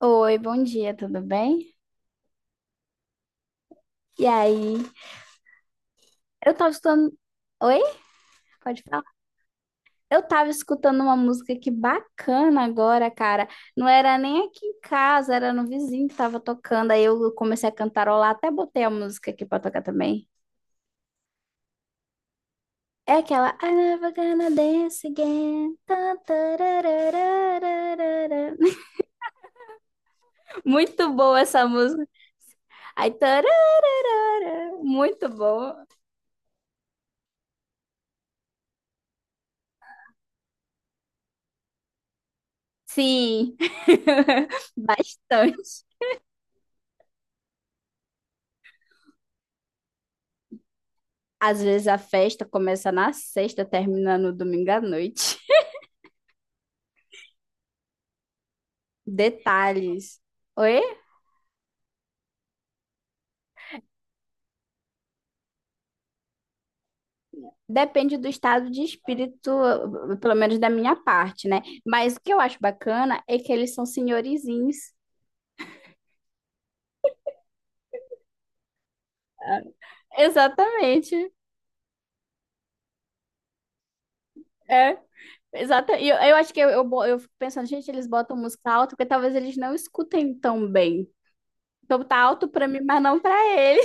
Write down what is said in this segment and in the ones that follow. Oi, bom dia, tudo bem? E aí, eu tava escutando. Oi? Pode falar? Eu tava escutando uma música que bacana agora, cara. Não era nem aqui em casa, era no vizinho que tava tocando. Aí eu comecei a cantarolar, até botei a música aqui pra tocar também. É aquela I never gonna dance again. Tan, tarararararara. Muito boa essa música. Aí, tarararara. Muito boa. Sim, bastante. Às vezes a festa começa na sexta, termina no domingo à noite. Detalhes. Oi? Depende do estado de espírito, pelo menos da minha parte, né? Mas o que eu acho bacana é que eles são senhorizinhos. Ah, exatamente. É. Exato. E eu acho que eu fico pensando, gente, eles botam música alta porque talvez eles não escutem tão bem. Então tá alto pra mim, mas não pra ele.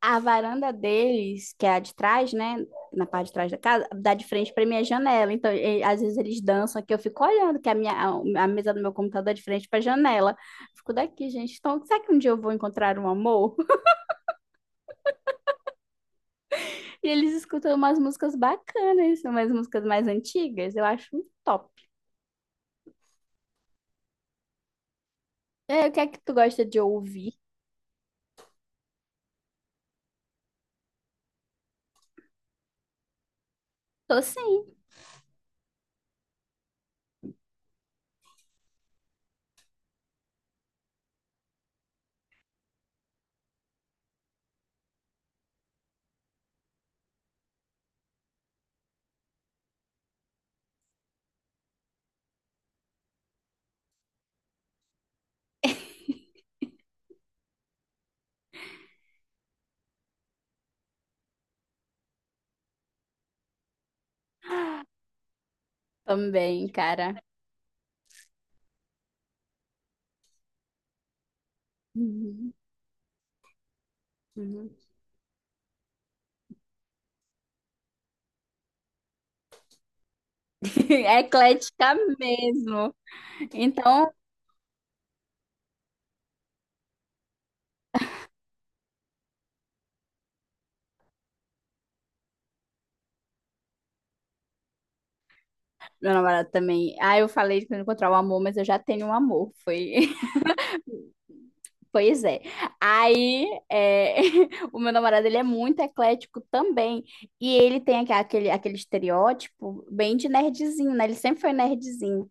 A varanda deles, que é a de trás, né? Na parte de trás da casa, dá de frente para minha janela. Então, às vezes eles dançam aqui, eu fico olhando, que a mesa do meu computador é de frente para a janela. Fico daqui, gente. Então, será que um dia eu vou encontrar um amor? E eles escutam umas músicas bacanas, umas músicas mais antigas. Eu acho um top. E aí, o que é que tu gosta de ouvir? Tô sim, também, cara. Uhum. Uhum. É eclética mesmo. Então, meu namorado também. Ah, eu falei de encontrar o amor, mas eu já tenho um amor. Foi, pois é. Aí, é, o meu namorado, ele é muito eclético também. E ele tem aquele estereótipo bem de nerdzinho, né? Ele sempre foi nerdzinho.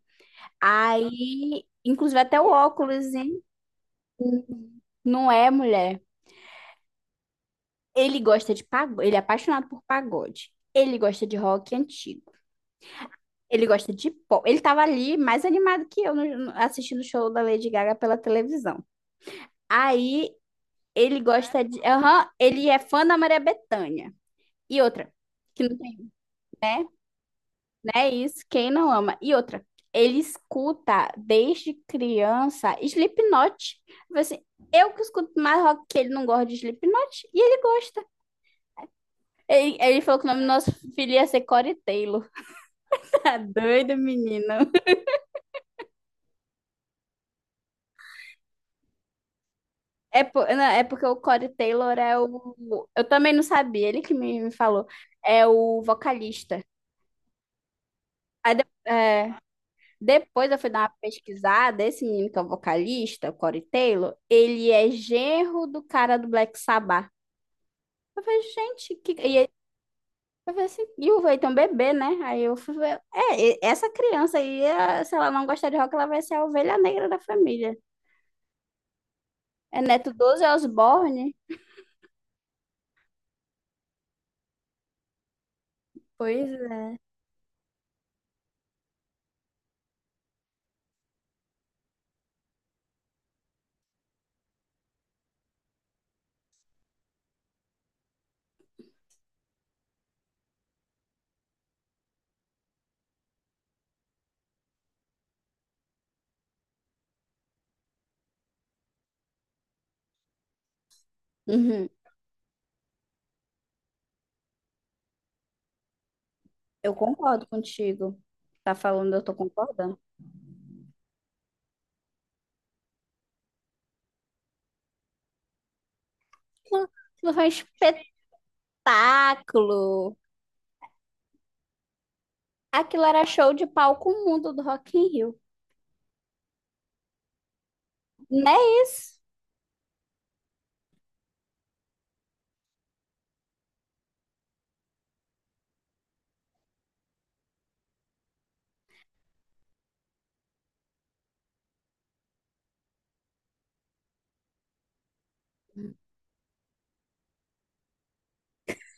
Aí, inclusive até o óculos, hein? Não é, mulher. Ele gosta de pagode, ele é apaixonado por pagode. Ele gosta de rock antigo. Ele gosta de pop. Ele tava ali mais animado que eu assistindo o show da Lady Gaga pela televisão. Aí ele gosta de. Aham, ele é fã da Maria Bethânia. E outra, que não tem, né? Não é isso, quem não ama. E outra, ele escuta desde criança Slipknot. Eu falei assim, eu que escuto mais rock que ele não gosta de Slipknot e ele gosta. Ele falou que o nome do nosso filho ia ser Corey Taylor. Tá doido, menino. É, não, é porque o Corey Taylor é o. Eu também não sabia, ele que me falou. É o vocalista. Aí depois. Depois eu fui dar uma pesquisada, esse menino que é o vocalista, o Corey Taylor, ele é genro do cara do Black Sabbath. Eu falei, gente, que... e, eu falei assim, e o Eitan bebê, né? Aí eu fui ver, essa criança aí, se ela não gostar de rock, ela vai ser a ovelha negra da família. É neto do Ozzy Osbourne? Pois é. Uhum. Eu concordo contigo. Tá falando, eu tô concordando. Aquilo aquilo foi um espetáculo. Aquilo era show de palco mundo do Rock in Rio. Não é isso?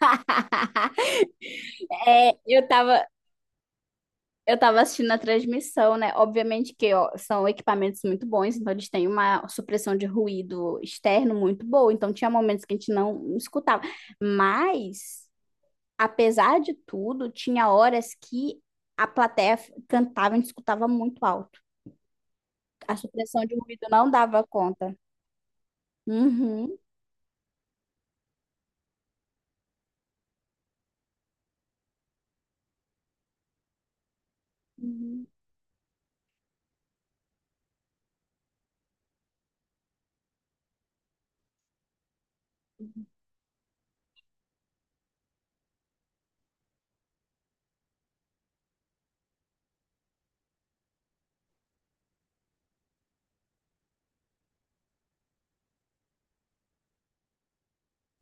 É, eu tava assistindo a transmissão, né? Obviamente que ó, são equipamentos muito bons, então eles têm uma supressão de ruído externo muito boa, então tinha momentos que a gente não escutava. Mas, apesar de tudo, tinha horas que a plateia cantava, a gente escutava muito alto. A supressão de ruído não dava conta. Uhum. Uhum.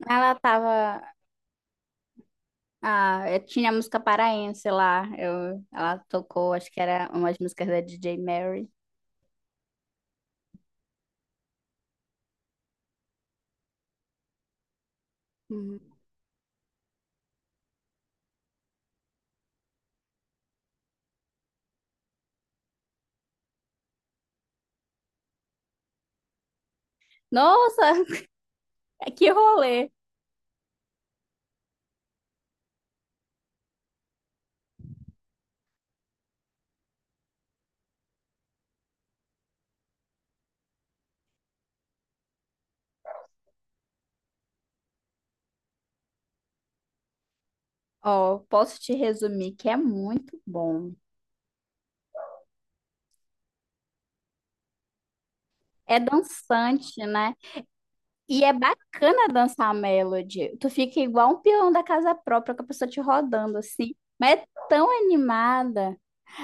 Ela tava. Ah, eu tinha a música paraense lá. Eu, ela tocou, acho que era umas músicas da DJ Mary. Uhum. Nossa, que rolê! Ó, posso te resumir que é muito bom. É dançante, né? E é bacana dançar a melody. Tu fica igual um peão da casa própria com a pessoa te rodando assim. Mas é tão animada.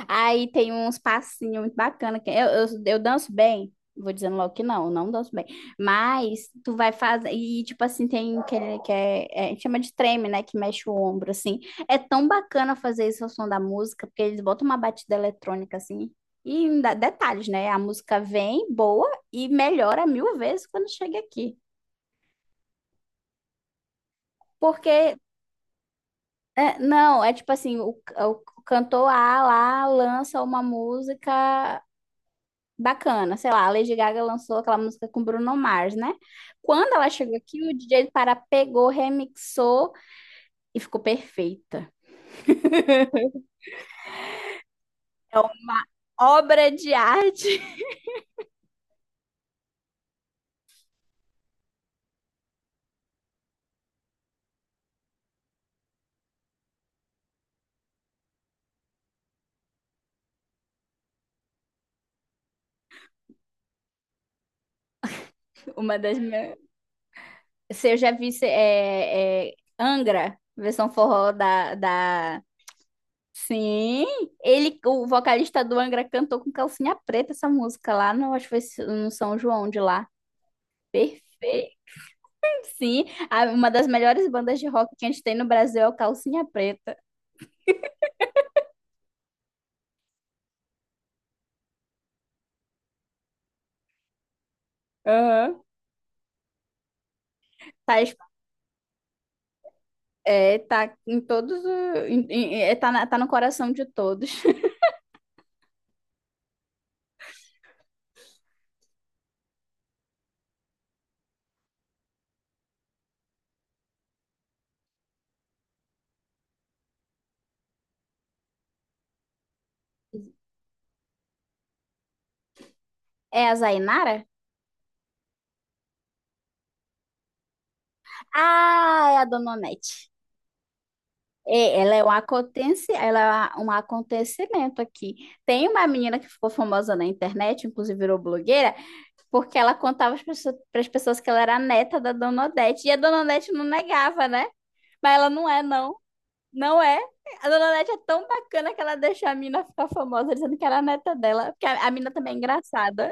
Aí tem uns passinhos muito bacanas. Que eu danço bem. Vou dizendo logo que não, eu não danço bem. Mas tu vai fazer. E, tipo assim, tem que é, é, a gente chama de treme, né? Que mexe o ombro, assim. É tão bacana fazer isso ao som da música, porque eles botam uma batida eletrônica, assim. E ainda- detalhes, né? A música vem boa e melhora mil vezes quando chega aqui. Porque, é, não, é tipo assim: o cantor A lá lança uma música bacana, sei lá, a Lady Gaga lançou aquela música com Bruno Mars, né? Quando ela chegou aqui, o DJ Pará pegou, remixou e ficou perfeita. É uma obra de arte. Uma das minhas. Se eu já vi se- é, é, Angra, versão forró da. Sim, ele, o vocalista do Angra cantou com calcinha preta essa música lá no, acho que foi no São João de lá. Perfeito, sim. Uma das melhores bandas de rock que a gente tem no Brasil é o Calcinha Preta. Aham. Tá, es- tá em todos. Tá no coração de todos. É a Zainara? Ah, é a Dona Onete. É, ela é um acontecimento aqui. Tem uma menina que ficou famosa na internet, inclusive virou blogueira, porque ela contava para as pessoas pras pessoas que ela era a neta da Dona Odete. E a Dona Odete não negava, né? Mas ela não é, não. Não é. A Dona Odete é tão bacana que ela deixou a mina ficar famosa dizendo que era a neta dela, porque a mina também é engraçada.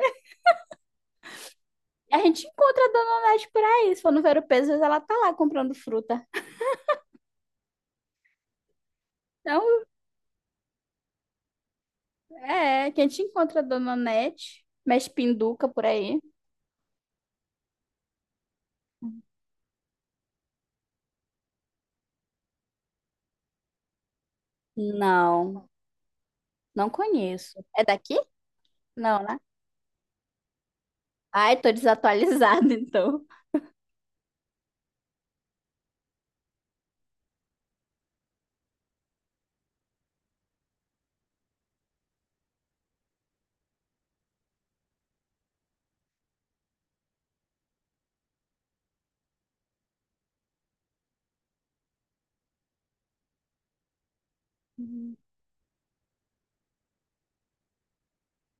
A gente encontra a Dona Onete por aí. Se for no Vero Pesos, ela tá lá comprando fruta. Então, é, que a gente encontra a Dona Onete, mexe pinduca por aí. Não, não conheço. É daqui? Não, né? Ai, tô desatualizada, então.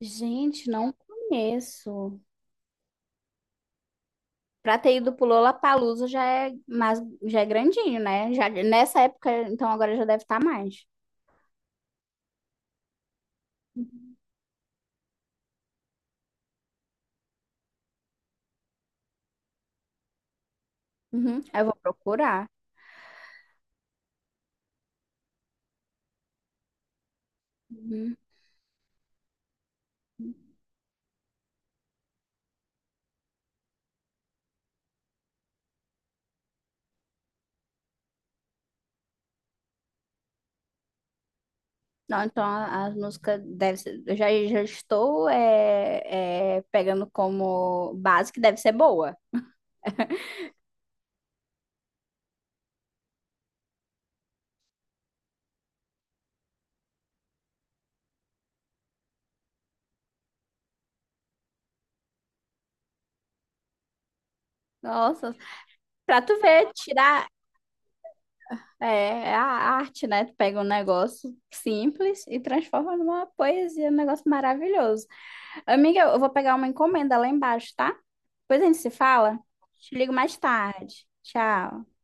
Gente, não conheço. Pra ter ido pro Lollapalooza já é, mais, já é grandinho, né? Já, nessa época, então agora já deve estar mais. Uhum, eu vou procurar. Uhum. Não, então as músicas deve ser, já estou pegando como base que deve ser boa. Nossa, pra tu ver, tirar é, é a arte, né? Tu pega um negócio simples e transforma numa poesia, um negócio maravilhoso. Amiga, eu vou pegar uma encomenda lá embaixo, tá? Depois a gente se fala. Te ligo mais tarde. Tchau.